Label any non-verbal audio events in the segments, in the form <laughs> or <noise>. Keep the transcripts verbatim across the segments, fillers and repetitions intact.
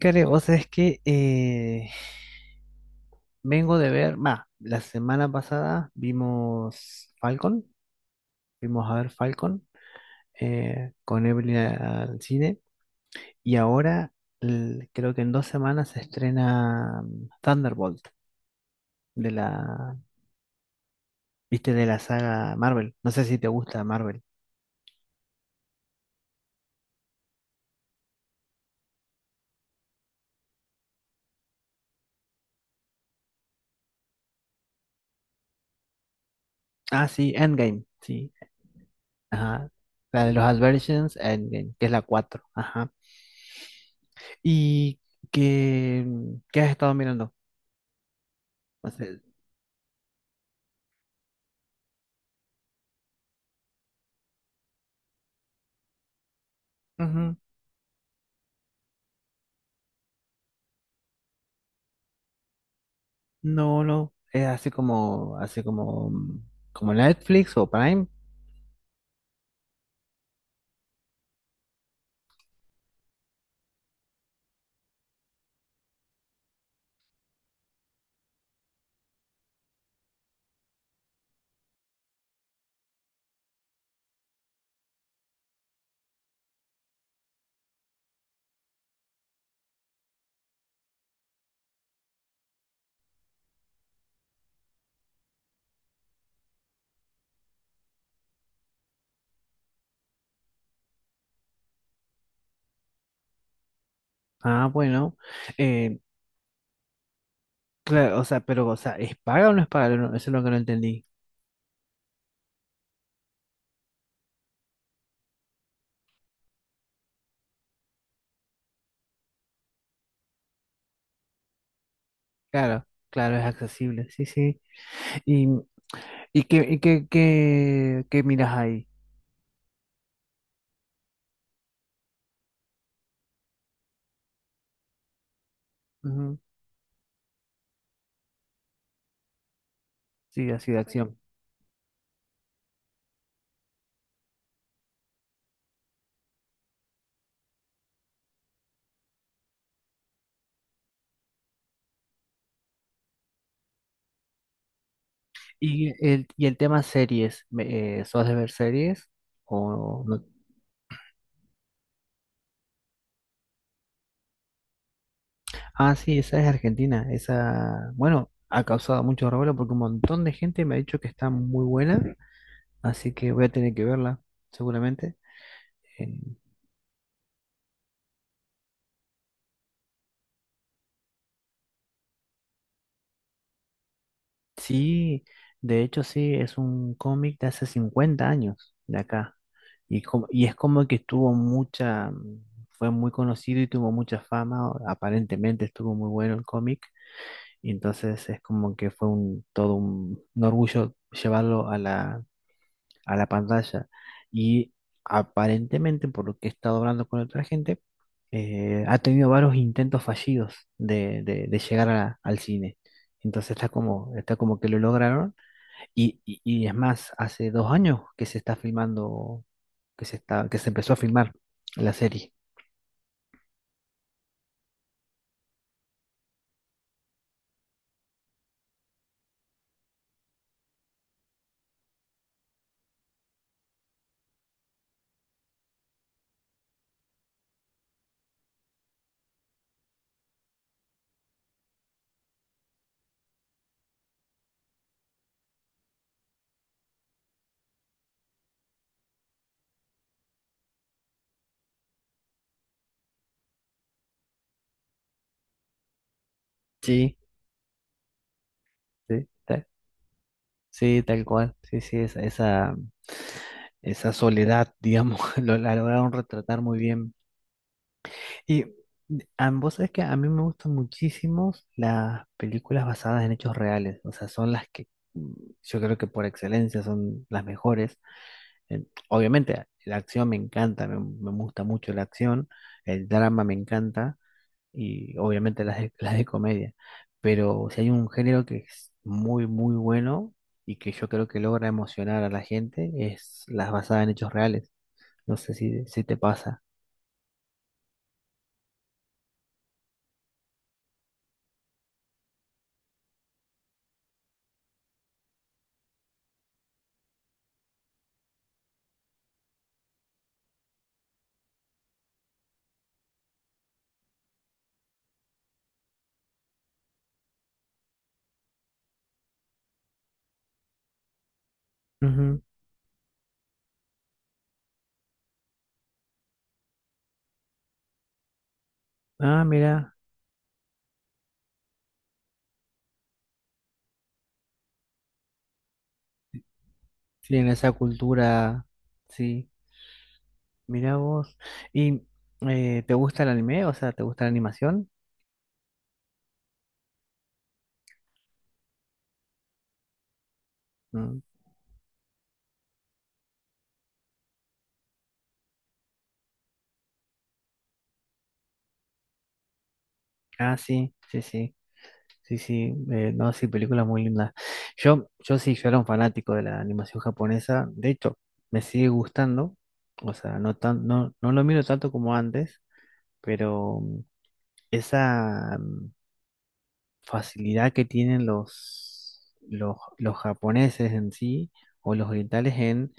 Care, vos sabés que eh, vengo de ver, va, la semana pasada vimos Falcon, vimos a ver Falcon eh, con Evelyn a- al cine y ahora el- creo que en dos semanas se estrena mm, Thunderbolt de la, viste, de la saga Marvel. No sé si te gusta Marvel. Ah, sí, Endgame, sí, ajá. La de los Adversions, Endgame, que es la cuatro, ajá. ¿Y qué, qué has estado mirando? No sé. No, no, es así como, así como, mm, como Netflix o Prime. Ah, bueno. Eh, claro, o sea, pero, o sea, ¿es paga o no es paga? No, eso es lo que no entendí. Claro, claro, es accesible, sí, sí. ¿Y, y qué, y qué, qué, qué miras ahí? Ujú. Sí, así de acción. ¿Y el, y el tema series? me- eh, ¿sos de ver series? ¿O no? Ah, sí, esa es Argentina. Esa, bueno, ha causado mucho revuelo porque un montón de gente me ha dicho que está muy buena. Así que voy a tener que verla, seguramente. Eh, sí, de hecho sí, es un cómic de hace cincuenta años de acá. Y, como- y es como que tuvo mucha, mm, fue muy conocido y tuvo mucha fama. O Aparentemente estuvo muy bueno el cómic. Y entonces es como que fue un, todo un, un orgullo llevarlo a la, a la pantalla. Y aparentemente, por lo que he estado hablando con otra gente, eh, ha tenido varios intentos fallidos de, de- de llegar a- al cine. Entonces está como, está como que lo lograron. Y, y- y es más, hace dos años que se está filmando, que se está, que se empezó a filmar la serie. Sí, sí, ta- sí, tal cual. Sí, sí, esa, esa, esa soledad, digamos, <laughs> lo, la lograron retratar muy bien. Y ambos, es que a mí me gustan muchísimo las películas basadas en hechos reales, o sea, son las que mm, yo creo que por excelencia son las mejores. Eh, Obviamente, la acción me encanta, me, me gusta mucho la acción, el drama me encanta y obviamente las de, <laughs> las de comedia, pero si hay un género que es muy, muy bueno y que yo creo que logra emocionar a la gente, es las basadas en hechos reales. No sé si, si te pasa. Ujú. Ah, mira. Sí, en esa cultura, sí. Mira vos. ¿Y eh, te gusta el anime? O sea, ¿te gusta la animación? Mm. Ah, sí, sí, sí. Sí, sí. eh, no, sí, películas muy lindas. Yo, yo sí, yo era un fanático de la animación japonesa. De hecho, me sigue gustando. O sea, no tan, no, no lo miro tanto como antes, pero mm, esa mm, facilidad que tienen los, los, los japoneses en sí, o los orientales en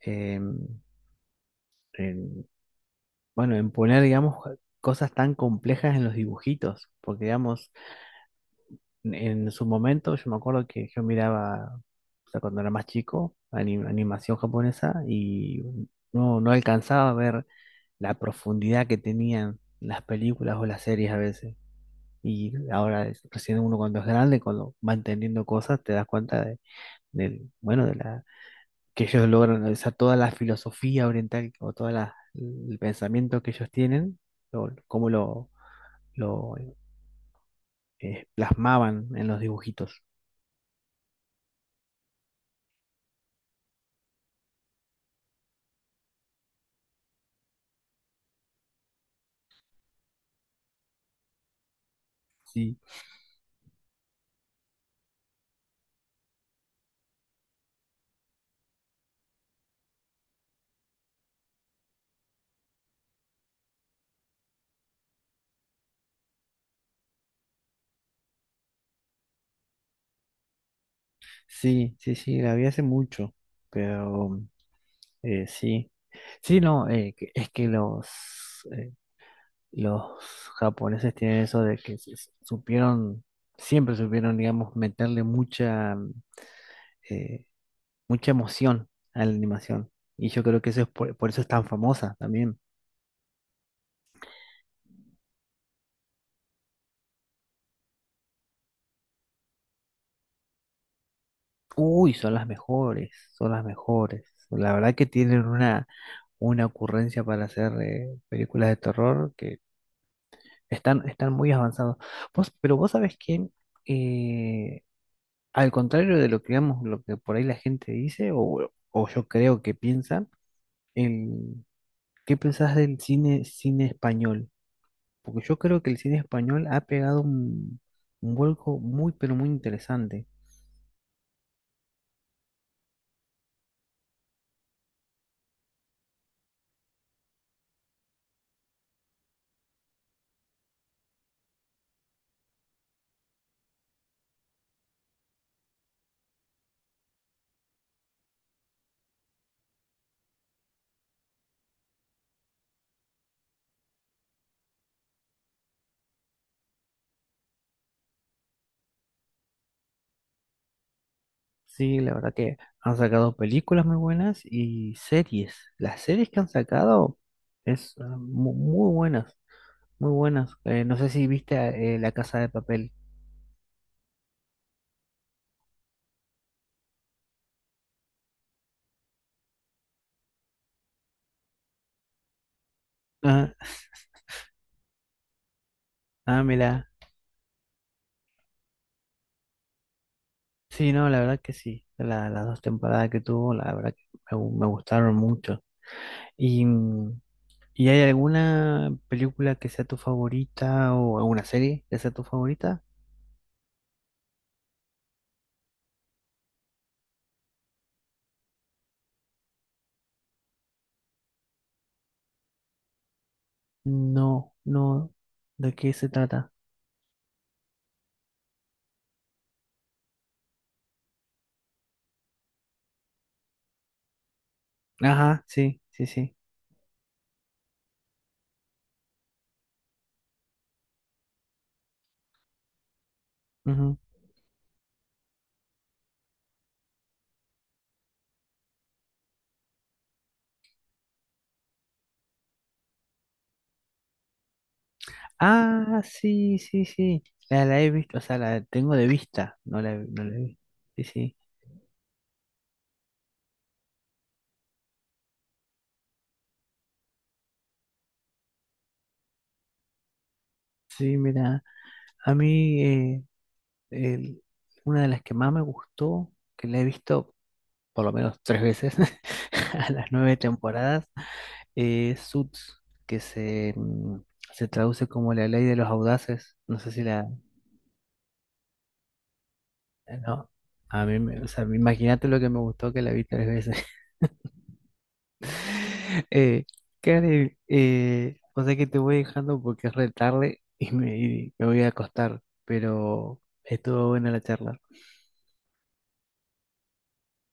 em, en bueno, en poner, digamos, cosas tan complejas en los dibujitos, porque, digamos, en, en su momento yo me acuerdo que yo miraba, o sea, cuando era más chico, ani- animación japonesa y no, no alcanzaba a ver la profundidad que tenían las películas o las series a veces. Y ahora, es- recién uno cuando es grande, cuando va entendiendo cosas, te das cuenta de, del, bueno, de la, que ellos logran, o sea, toda la filosofía oriental o todo el pensamiento que ellos tienen, o cómo lo lo eh, plasmaban en los dibujitos. Sí, sí, sí, sí, la vi hace mucho, pero eh, sí. Sí, no, eh, que- es que los, eh, los japoneses tienen eso de que se- se- supieron, siempre supieron, digamos, meterle mucha, eh, mucha emoción a la animación. Y yo creo que eso es por, por eso es tan famosa también. Uy, son las mejores, son las mejores. La verdad que tienen una, una ocurrencia para hacer eh, películas de terror que están, están muy avanzados. Vos- pero vos sabés que eh, al contrario de lo que digamos, lo que por ahí la gente dice, o, o yo creo que piensa, el, ¿qué pensás del cine, cine español? Porque yo creo que el cine español ha pegado un, un vuelco muy, pero muy interesante. Sí, la verdad que han sacado películas muy buenas y series. Las series que han sacado es ah, mu- muy buenas, muy buenas. Eh, no sé si viste ah, eh, La Casa de Papel. Ah, ah, mira. Sí, no, la verdad que sí. La- las dos temporadas que tuvo, la verdad que me, gu- me gustaron mucho. Y, mm, ¿y hay alguna película que sea tu favorita o alguna serie que sea tu favorita? No, no. ¿De qué se trata? Ajá, sí, sí, sí. Ah, sí, sí, sí. La, la he visto, o sea, la tengo de vista, no la, he- no la he visto. Sí, sí. Sí, mira, a mí eh, el- una de las que más me gustó, que la he visto por lo menos tres veces, <laughs> a las nueve temporadas, eh, es Suits, que se, mm, se traduce como la ley de los audaces. No sé si la... eh, No, a mí, me- o sea, imagínate lo que me gustó que la vi tres veces. <laughs> Eh, Karen, eh, o sea que te voy dejando porque es re tarde y me, y me voy a acostar, pero estuvo buena la charla.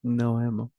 Nos vemos.